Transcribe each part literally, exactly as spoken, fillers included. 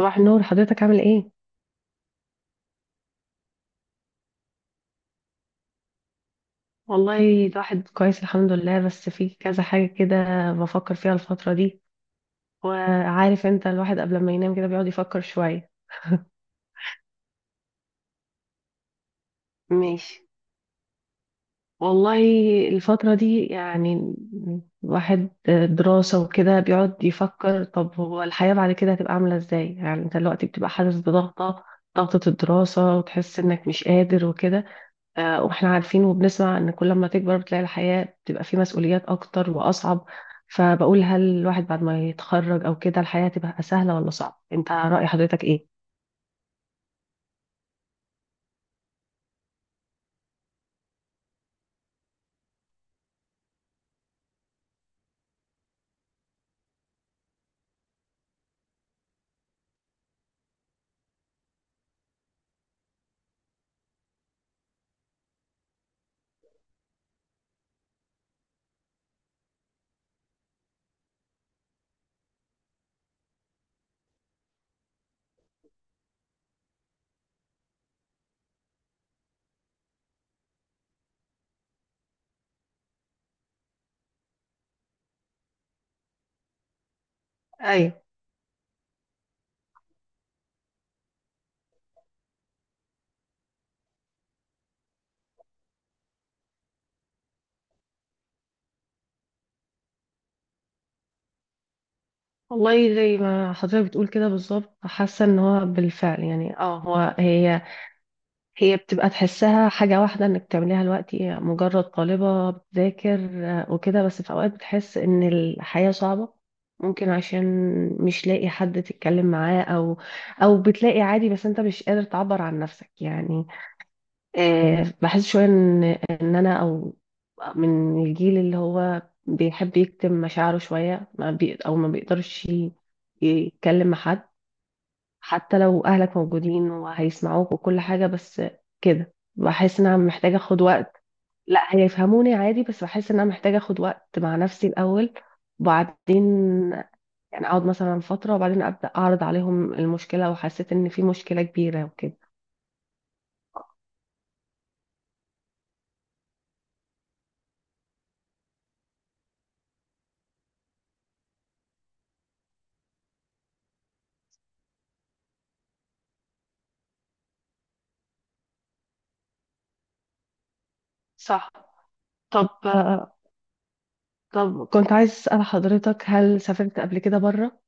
صباح النور. حضرتك عامل ايه؟ والله الواحد كويس الحمد لله، بس في كذا حاجة كده بفكر فيها الفترة دي، وعارف انت الواحد قبل ما ينام كده بيقعد يفكر شوية. ماشي. والله الفترة دي يعني الواحد دراسة وكده بيقعد يفكر، طب هو الحياة بعد كده هتبقى عاملة ازاي؟ يعني انت دلوقتي بتبقى حاسس بضغطة، ضغطة الدراسة، وتحس انك مش قادر وكده. آه، واحنا عارفين وبنسمع ان كل ما تكبر بتلاقي الحياة بتبقى فيه مسؤوليات اكتر واصعب، فبقول هل الواحد بعد ما يتخرج او كده الحياة تبقى سهلة ولا صعبة؟ انت رأي حضرتك ايه؟ ايوه. والله زي ما حضرتك بتقول كده بالظبط، حاسة ان هو بالفعل، يعني اه هو هي هي بتبقى تحسها حاجة واحدة انك تعمليها دلوقتي، مجرد طالبة بتذاكر. آه، وكده، بس في اوقات بتحس ان الحياة صعبة، ممكن عشان مش لاقي حد تتكلم معاه، او او بتلاقي عادي بس انت مش قادر تعبر عن نفسك يعني. آه، بحس شوية ان ان انا، او من الجيل اللي هو بيحب يكتم مشاعره شوية، ما بي او ما بيقدرش ي- يتكلم مع حد. حتى لو اهلك موجودين وهيسمعوك وكل حاجة، بس كده بحس ان انا محتاجة اخد وقت. لا، هيفهموني عادي، بس بحس ان انا محتاجة اخد وقت مع نفسي الاول، وبعدين يعني اقعد مثلا فترة وبعدين ابدا اعرض عليهم المشكلة، وحسيت ان في مشكلة كبيرة وكده. صح. طب طب كنت عايز اسال حضرتك، هل سافرت قبل كده بره؟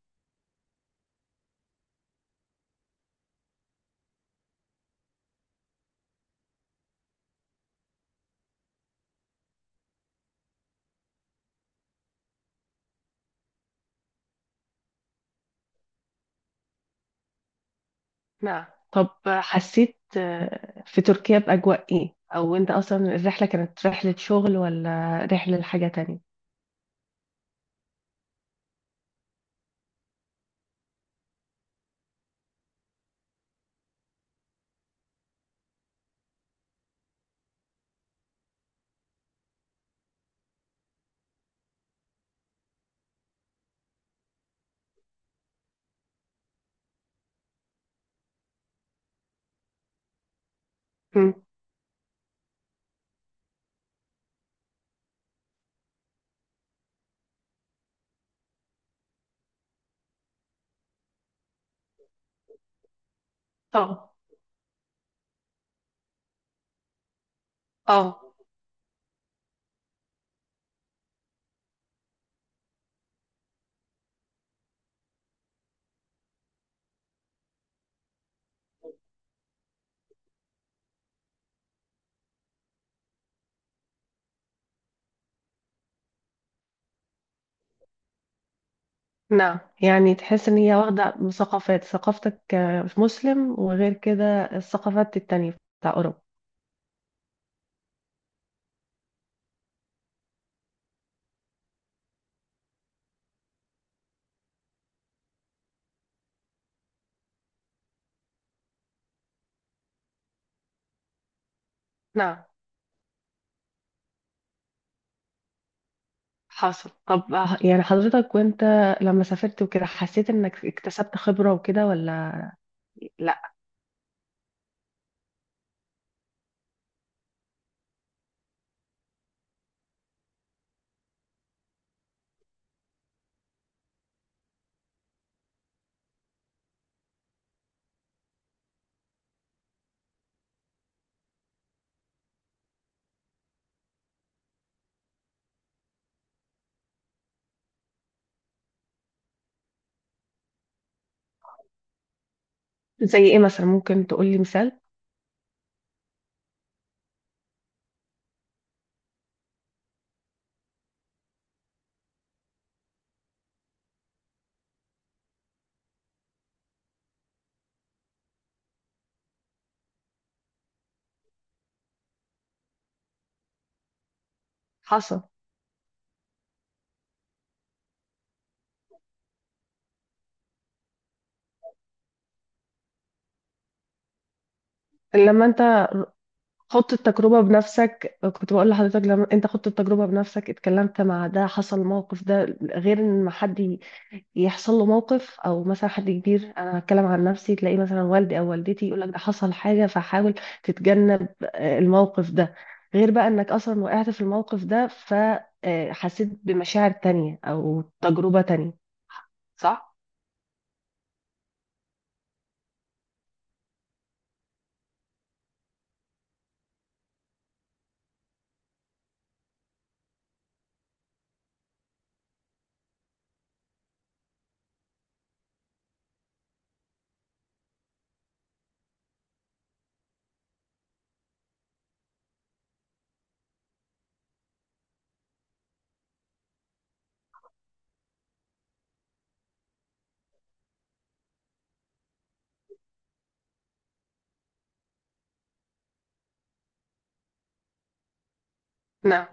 نعم. طب حسيت آه، في تركيا باجواء ايه؟ او انت اصلا الرحلة كانت رحلة شغل ولا رحلة لحاجة تانية؟ مم. اه. اه. نعم، يعني تحس ان هي واخده ثقافات، ثقافتك كمسلم وغير كده الثقافات التانية بتاع اوروبا. نعم. حصل. طب ه- يعني حضرتك وانت لما سافرت وكده حسيت انك اكتسبت خبره وكده ولا؟ لا. زي ايه مثلا؟ ممكن تقولي مثال. حصل. لما انت خضت التجربه بنفسك كنت بقول لحضرتك، لما انت خضت التجربه بنفسك اتكلمت مع ده، حصل موقف، ده غير ان ما حد يحصل له موقف، او مثلا حد كبير، انا هتكلم عن نفسي، تلاقي مثلا والدي او والدتي يقول لك ده حصل حاجه فحاول تتجنب آه، الموقف ده، غير بقى انك اصلا وقعت في الموقف ده فحسيت بمشاعر تانية او تجربه تانية، صح؟ نعم.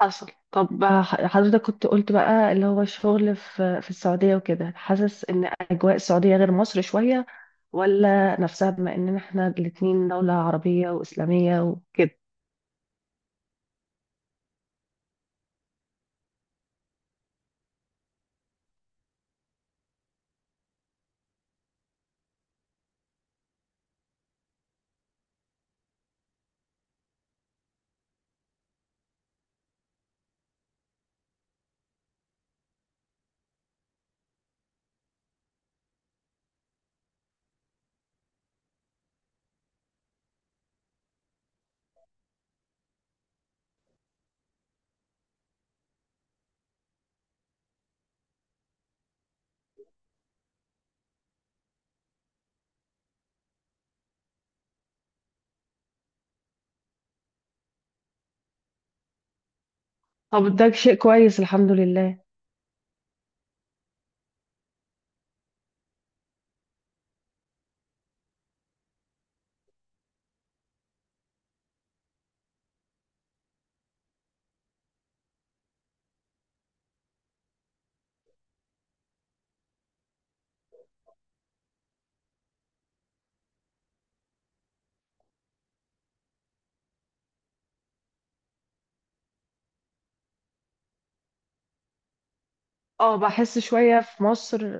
حصل. طب ح- حضرتك كنت قلت بقى، اللي هو الشغل في في السعودية وكده، حاسس ان اجواء السعودية غير مصر شوية ولا نفسها، بما اننا احنا الاتنين دولة عربية واسلامية وكده؟ طب ده شيء كويس الحمد لله. اه، بحس شوية في مصر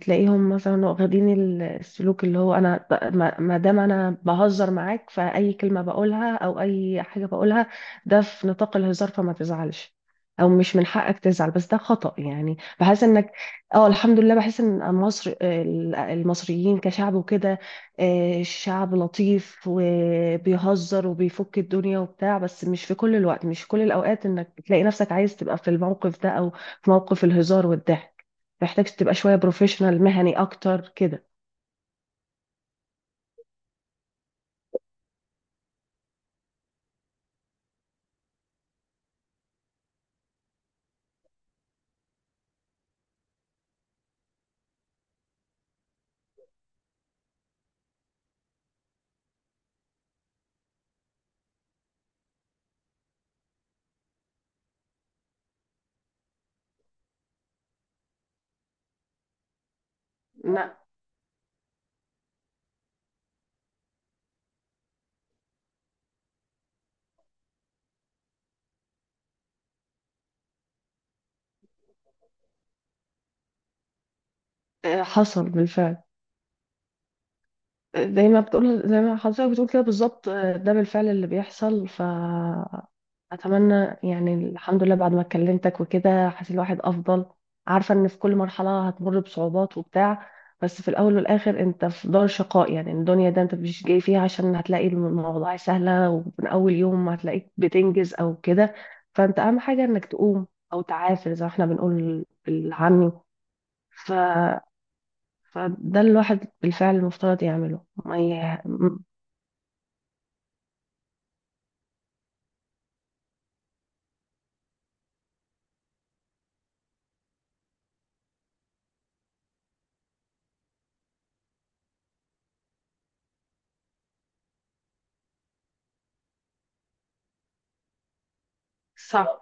تلاقيهم مثلا واخدين ال- السلوك اللي هو انا ب- ما ما دام انا بهزر معاك، فأي كلمة بقولها او اي حاجة بقولها ده في نطاق الهزار، فما تزعلش، او مش من حقك تزعل، بس ده خطأ، يعني بحس انك. اه الحمد لله، بحس ان مصر، ال- المصريين كشعب وكده، آه، شعب لطيف وبيهزر وبيفك الدنيا وبتاع، بس مش في كل الوقت، مش في كل الاوقات انك تلاقي نفسك عايز تبقى في الموقف ده، او في موقف الهزار والضحك. محتاج تبقى شوية بروفيشنال، مهني أكتر كده. لا. آه، حصل بالفعل. آه، زي ما بتقول زي ما حضرتك بتقول كده بالظبط، آه، ده بالفعل اللي بيحصل. ف اتمنى يعني، الحمد لله، بعد ما كلمتك وكده حاسس الواحد افضل، عارفه ان في كل مرحله هتمر بصعوبات وبتاع، بس في الاول والاخر انت في دار شقاء يعني، الدنيا ده انت مش جاي فيها عشان هتلاقي المواضيع سهله ومن اول يوم هتلاقيك بتنجز او كده، فانت اهم حاجه انك تقوم او تعافر زي ما احنا بنقول بالعامي. ف فده الواحد بالفعل المفترض يعمله ما ي... صح.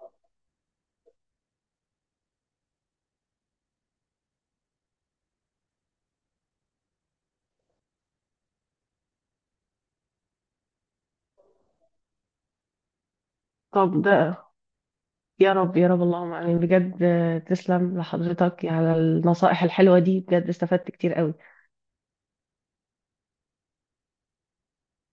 طب ده يا رب يا رب، اللهم امين، بجد آه، تسلم لحضرتك على النصائح الحلوه دي، بجد استفدت كتير قوي.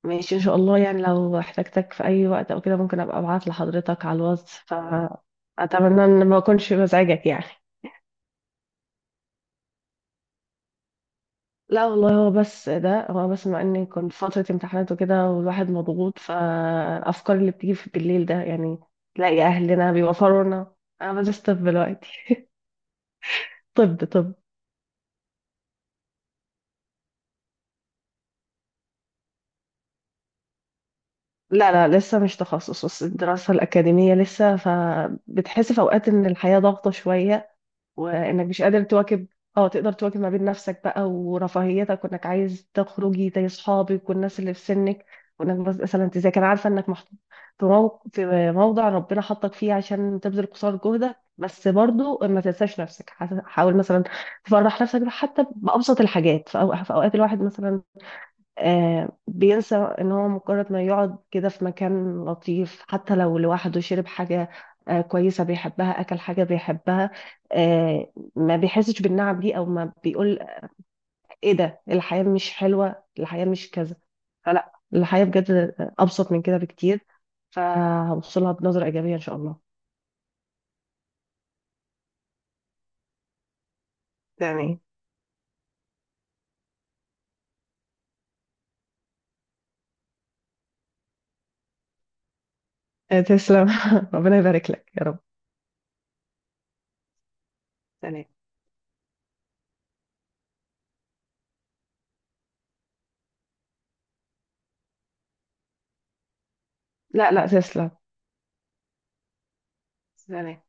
ماشي ان شاء الله، يعني لو احتجتك في اي وقت او كده ممكن ابقى ابعت لحضرتك على الواتس، فاتمنى ان ما اكونش بزعجك يعني. لا والله، هو بس ده هو بس مع اني كنت في فتره امتحانات وكده والواحد مضغوط، فالافكار اللي بتيجي في بالليل ده يعني تلاقي اهلنا بيوفروا لنا. انا بدرس طب دلوقتي. طب طب لا لا، لسه مش تخصص، بس الدراسة الأكاديمية لسه، فبتحس في أوقات إن الحياة ضاغطة شوية، وإنك مش قادر تواكب، اه تقدر تواكب ما بين نفسك بقى ورفاهيتك، وإنك عايز تخرجي زي أصحابك والناس اللي في سنك، وإنك بس- مثلا أنت زي كان عارفة إنك محطوط في موق- في موضع ربنا حطك فيه عشان تبذل قصارى جهدك، بس برضو ما تنساش نفسك. حاول مثلا تفرح نفسك حتى بأبسط الحاجات، في أو- في أوقات الواحد مثلا آه، بينسى ان هو مجرد ما يقعد كده في مكان لطيف، حتى لو لوحده شرب حاجة آه، كويسة بيحبها، اكل حاجة بيحبها، آه، ما بيحسش بالنعم دي، او ما بيقول ايه ده، الحياة مش حلوة، الحياة مش كذا. فلا، الحياة بجد ابسط من كده بكتير، فهوصلها بنظرة ايجابية ان شاء الله. تمام تمام. آه، تسلم ربنا يبارك لك يا رب. سلام. لا لا تسلم. سلام.